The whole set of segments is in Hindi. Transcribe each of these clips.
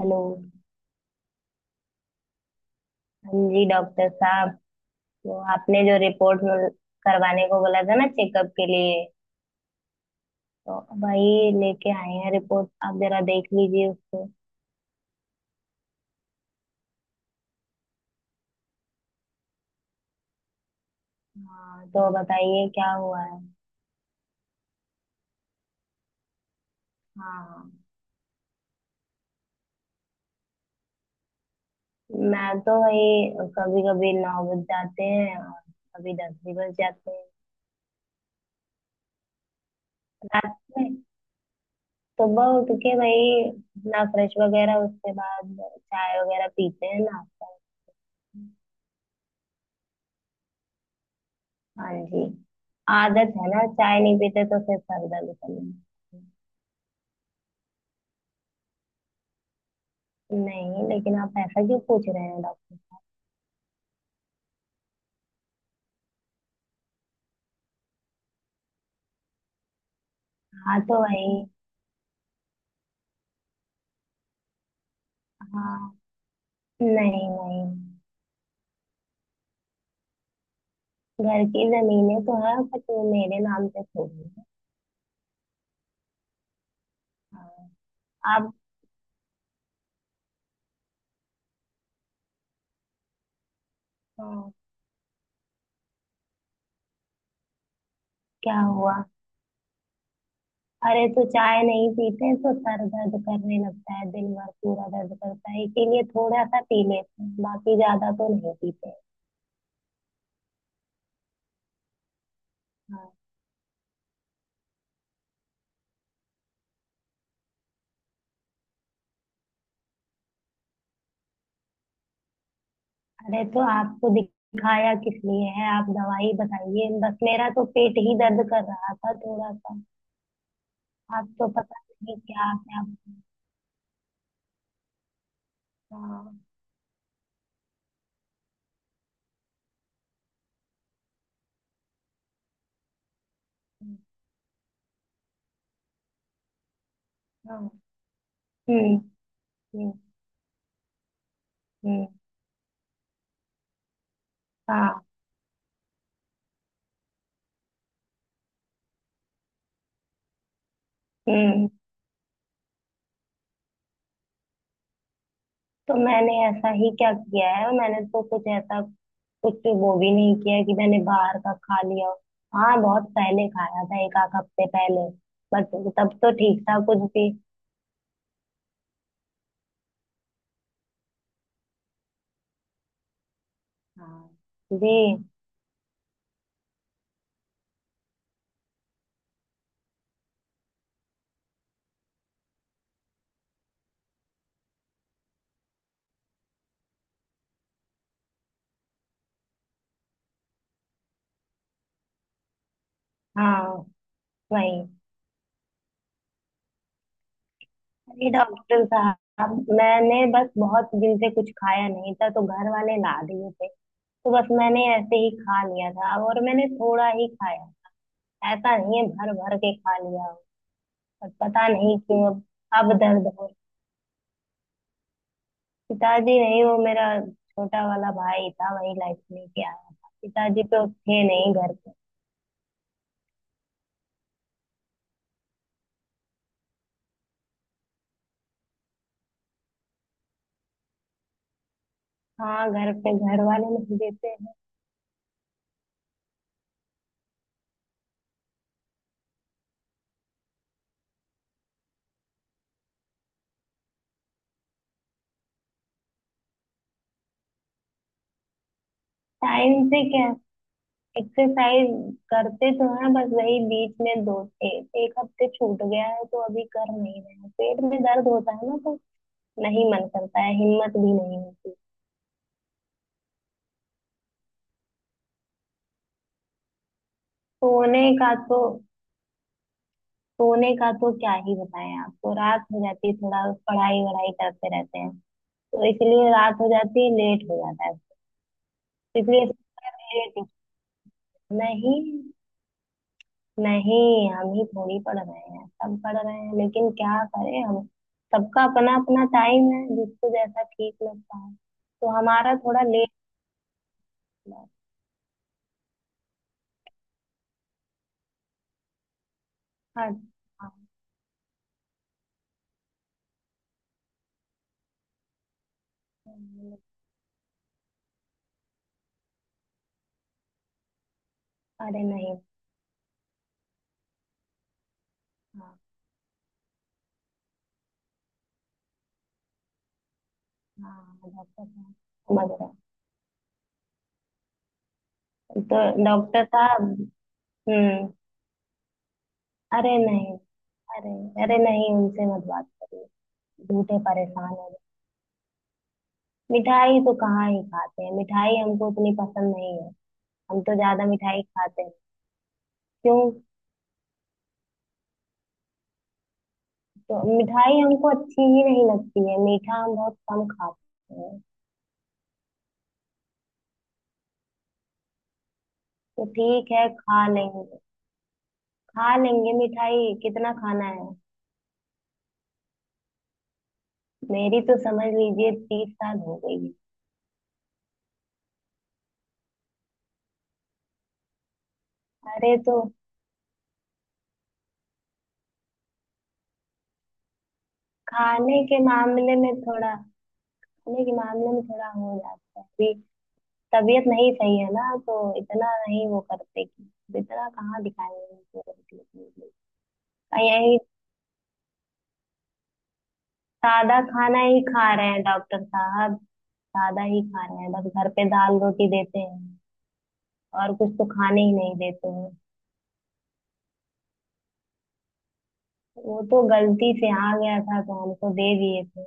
हेलो। हाँ जी डॉक्टर साहब। तो आपने जो रिपोर्ट में करवाने को बोला था ना चेकअप के लिए, तो वही लेके आए हैं। रिपोर्ट आप जरा देख लीजिए उसको। हाँ तो बताइए क्या हुआ है। हाँ। मैं तो वही कभी कभी 9 बज जाते हैं और कभी 10 भी बज जाते हैं। रात में। सुबह उठ के वही अपना फ्रेश वगैरह, उसके बाद चाय वगैरह पीते हैं, नाश्ता। हाँ जी। आदत है ना, चाय नहीं पीते तो फिर सर दर्द करने लगता है। नहीं, लेकिन आप ऐसा क्यों पूछ रहे हैं डॉक्टर। हाँ तो भाई। हाँ। नहीं नहीं। घर की जमीनें तो है बट वो मेरे नाम पे थोड़ी है। हाँ, आप। हाँ, क्या हुआ। अरे तो चाय नहीं पीते तो सर दर्द करने लगता है, दिन भर पूरा दर्द करता है, इसीलिए थोड़ा सा पी लेते हैं, बाकी ज्यादा तो नहीं पीते। हाँ। अरे तो आपको दिखाया किस लिए है, आप दवाई बताइए बस, मेरा तो पेट ही दर्द कर रहा था थोड़ा सा। आप तो पता नहीं क्या आपने आप। हाँ, हाँ, हम्म हम्म हम्म हाँ हम्म। तो मैंने ऐसा ही क्या किया है, मैंने तो कुछ ऐसा कुछ वो भी नहीं किया है कि मैंने बाहर का खा लिया हो। हाँ, बहुत पहले खाया था, एक आध हफ्ते पहले। बट तब तो ठीक था कुछ भी। हाँ जी। हाँ वही। अरे डॉक्टर साहब, मैंने बस बहुत दिन से कुछ खाया नहीं था तो घर वाले ला दिए थे, तो बस मैंने ऐसे ही खा लिया था, और मैंने थोड़ा ही खाया। ऐसा नहीं है भर भर के खा लिया हो। पर पता नहीं क्यों। अब दर्द हो। पिताजी नहीं, वो मेरा छोटा वाला भाई था, वही लाइफ लेके आया था, पिताजी तो थे नहीं घर पे। हाँ घर पे घर वाले नहीं देते हैं। टाइम से क्या। एक्सरसाइज करते तो हैं, बस वही बीच में दो एक एक हफ्ते छूट गया है तो अभी कर नहीं रहे हैं, पेट में दर्द होता है ना तो। नहीं मन करता है, हिम्मत भी नहीं होती। सोने का तो सोने का तो क्या ही बताएं आपको, रात हो जाती है थोड़ा, पढ़ाई वढ़ाई करते रहते हैं, तो इसलिए रात हो जाती है, लेट हो जाता है। इसलिए लेट। नहीं। नहीं हम ही थोड़ी पढ़ रहे हैं, सब पढ़ रहे हैं, लेकिन क्या करें हम। सबका अपना अपना टाइम है, जिसको जैसा ठीक लगता है, तो हमारा थोड़ा लेट हुआ। हाँ, हाँ, अरे नहीं। हाँ हाँ डॉक्टर साहब। समझ रहे। तो डॉक्टर साहब। हम्म। अरे नहीं। अरे। अरे नहीं, उनसे मत बात करिए। झूठे परेशान हो गए। मिठाई तो कहाँ ही खाते हैं, मिठाई हमको उतनी पसंद नहीं है। हम तो ज्यादा मिठाई खाते हैं। क्यों। तो मिठाई हमको अच्छी ही नहीं लगती है, मीठा हम बहुत कम खाते हैं। तो ठीक है, खा लेंगे। खा लेंगे, मिठाई कितना खाना है। मेरी तो समझ लीजिए 30 साल हो गई है। अरे तो। खाने के मामले में थोड़ा खाने के मामले में थोड़ा हो जाता है अभी, तबीयत नहीं सही है ना, तो इतना नहीं वो करते कि तो इतना कहाँ दिखाएंगे उनको रोटी वोटी। और यही सादा खाना ही खा रहे हैं डॉक्टर साहब, सादा ही खा रहे हैं, बस घर पे दाल रोटी देते हैं, और कुछ तो खाने ही नहीं देते हैं। वो तो गलती से आ गया था तो हमको दे दिए थे,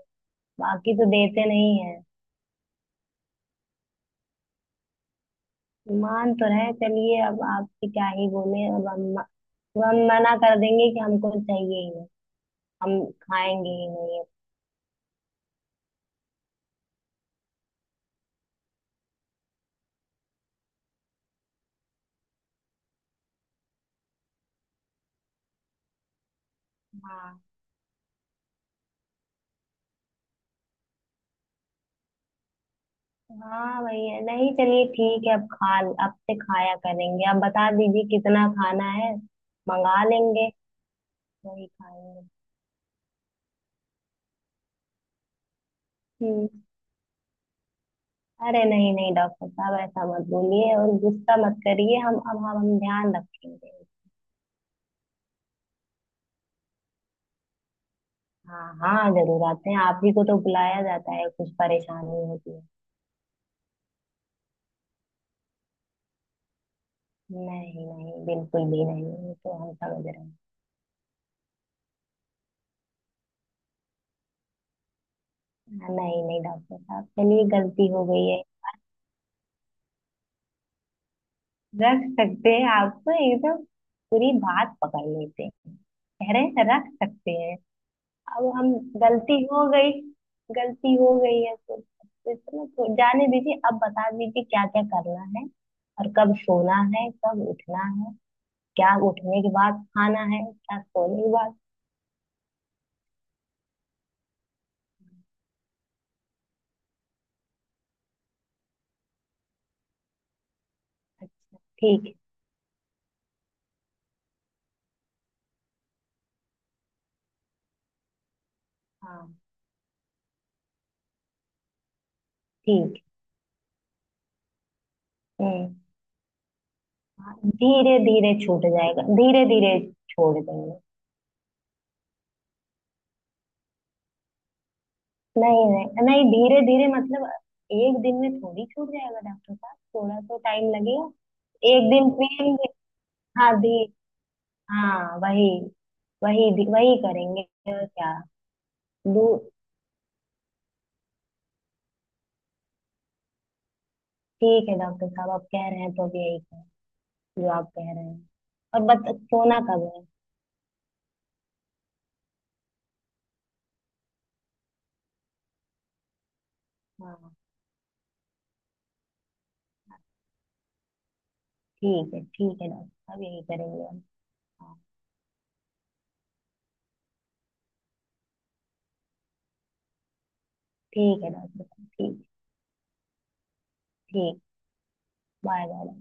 बाकी तो देते नहीं है। मान तो रहे, चलिए अब आपसे क्या ही बोले, अब हम मना कर देंगे कि हमको चाहिए ही नहीं, हम खाएंगे ही नहीं। हाँ। हाँ भैया, नहीं चलिए ठीक है, अब से खाया करेंगे, आप बता दीजिए कितना खाना है, मंगा लेंगे, वही खाएंगे। हम्म। अरे नहीं नहीं डॉक्टर साहब ऐसा मत बोलिए और गुस्सा मत करिए, हम अब हम ध्यान रखेंगे। हाँ हाँ जरूर आते हैं, आप ही को तो बुलाया जाता है कुछ परेशानी होती है। नहीं नहीं बिल्कुल भी नहीं, ये तो हम समझ रहे हैं। हाँ, नहीं नहीं डॉक्टर साहब, चलिए गलती हो गई है। रख सकते हैं आपको एकदम, पूरी बात पकड़ लेते हैं, कह रहे हैं रख सकते हैं। अब हम, गलती हो गई गलती हो गई है तो इसमें तो जाने दीजिए, अब बता दीजिए क्या क्या करना है, और कब सोना है, कब उठना है, क्या उठने के बाद खाना है, क्या सोने के बाद। अच्छा ठीक है। हाँ ठीक है। हम्म। धीरे धीरे छूट जाएगा धीरे धीरे, छोड़ देंगे। नहीं नहीं नहीं, धीरे धीरे मतलब, एक दिन में थोड़ी छूट जाएगा डॉक्टर साहब, थोड़ा तो टाइम लगेगा। एक दिन पिएंगे। हाँ धी हाँ वही, वही करेंगे। और क्या। दू ठीक है डॉक्टर साहब, आप कह रहे हैं तो अब यही करें, जो आप कह रहे हैं। और बत सोना कब है। हाँ ठीक है, ठीक है डॉक्टर साहब, यही करेंगे हम। हाँ ठीक है डॉक्टर साहब, ठीक। ठीक। Bye bye.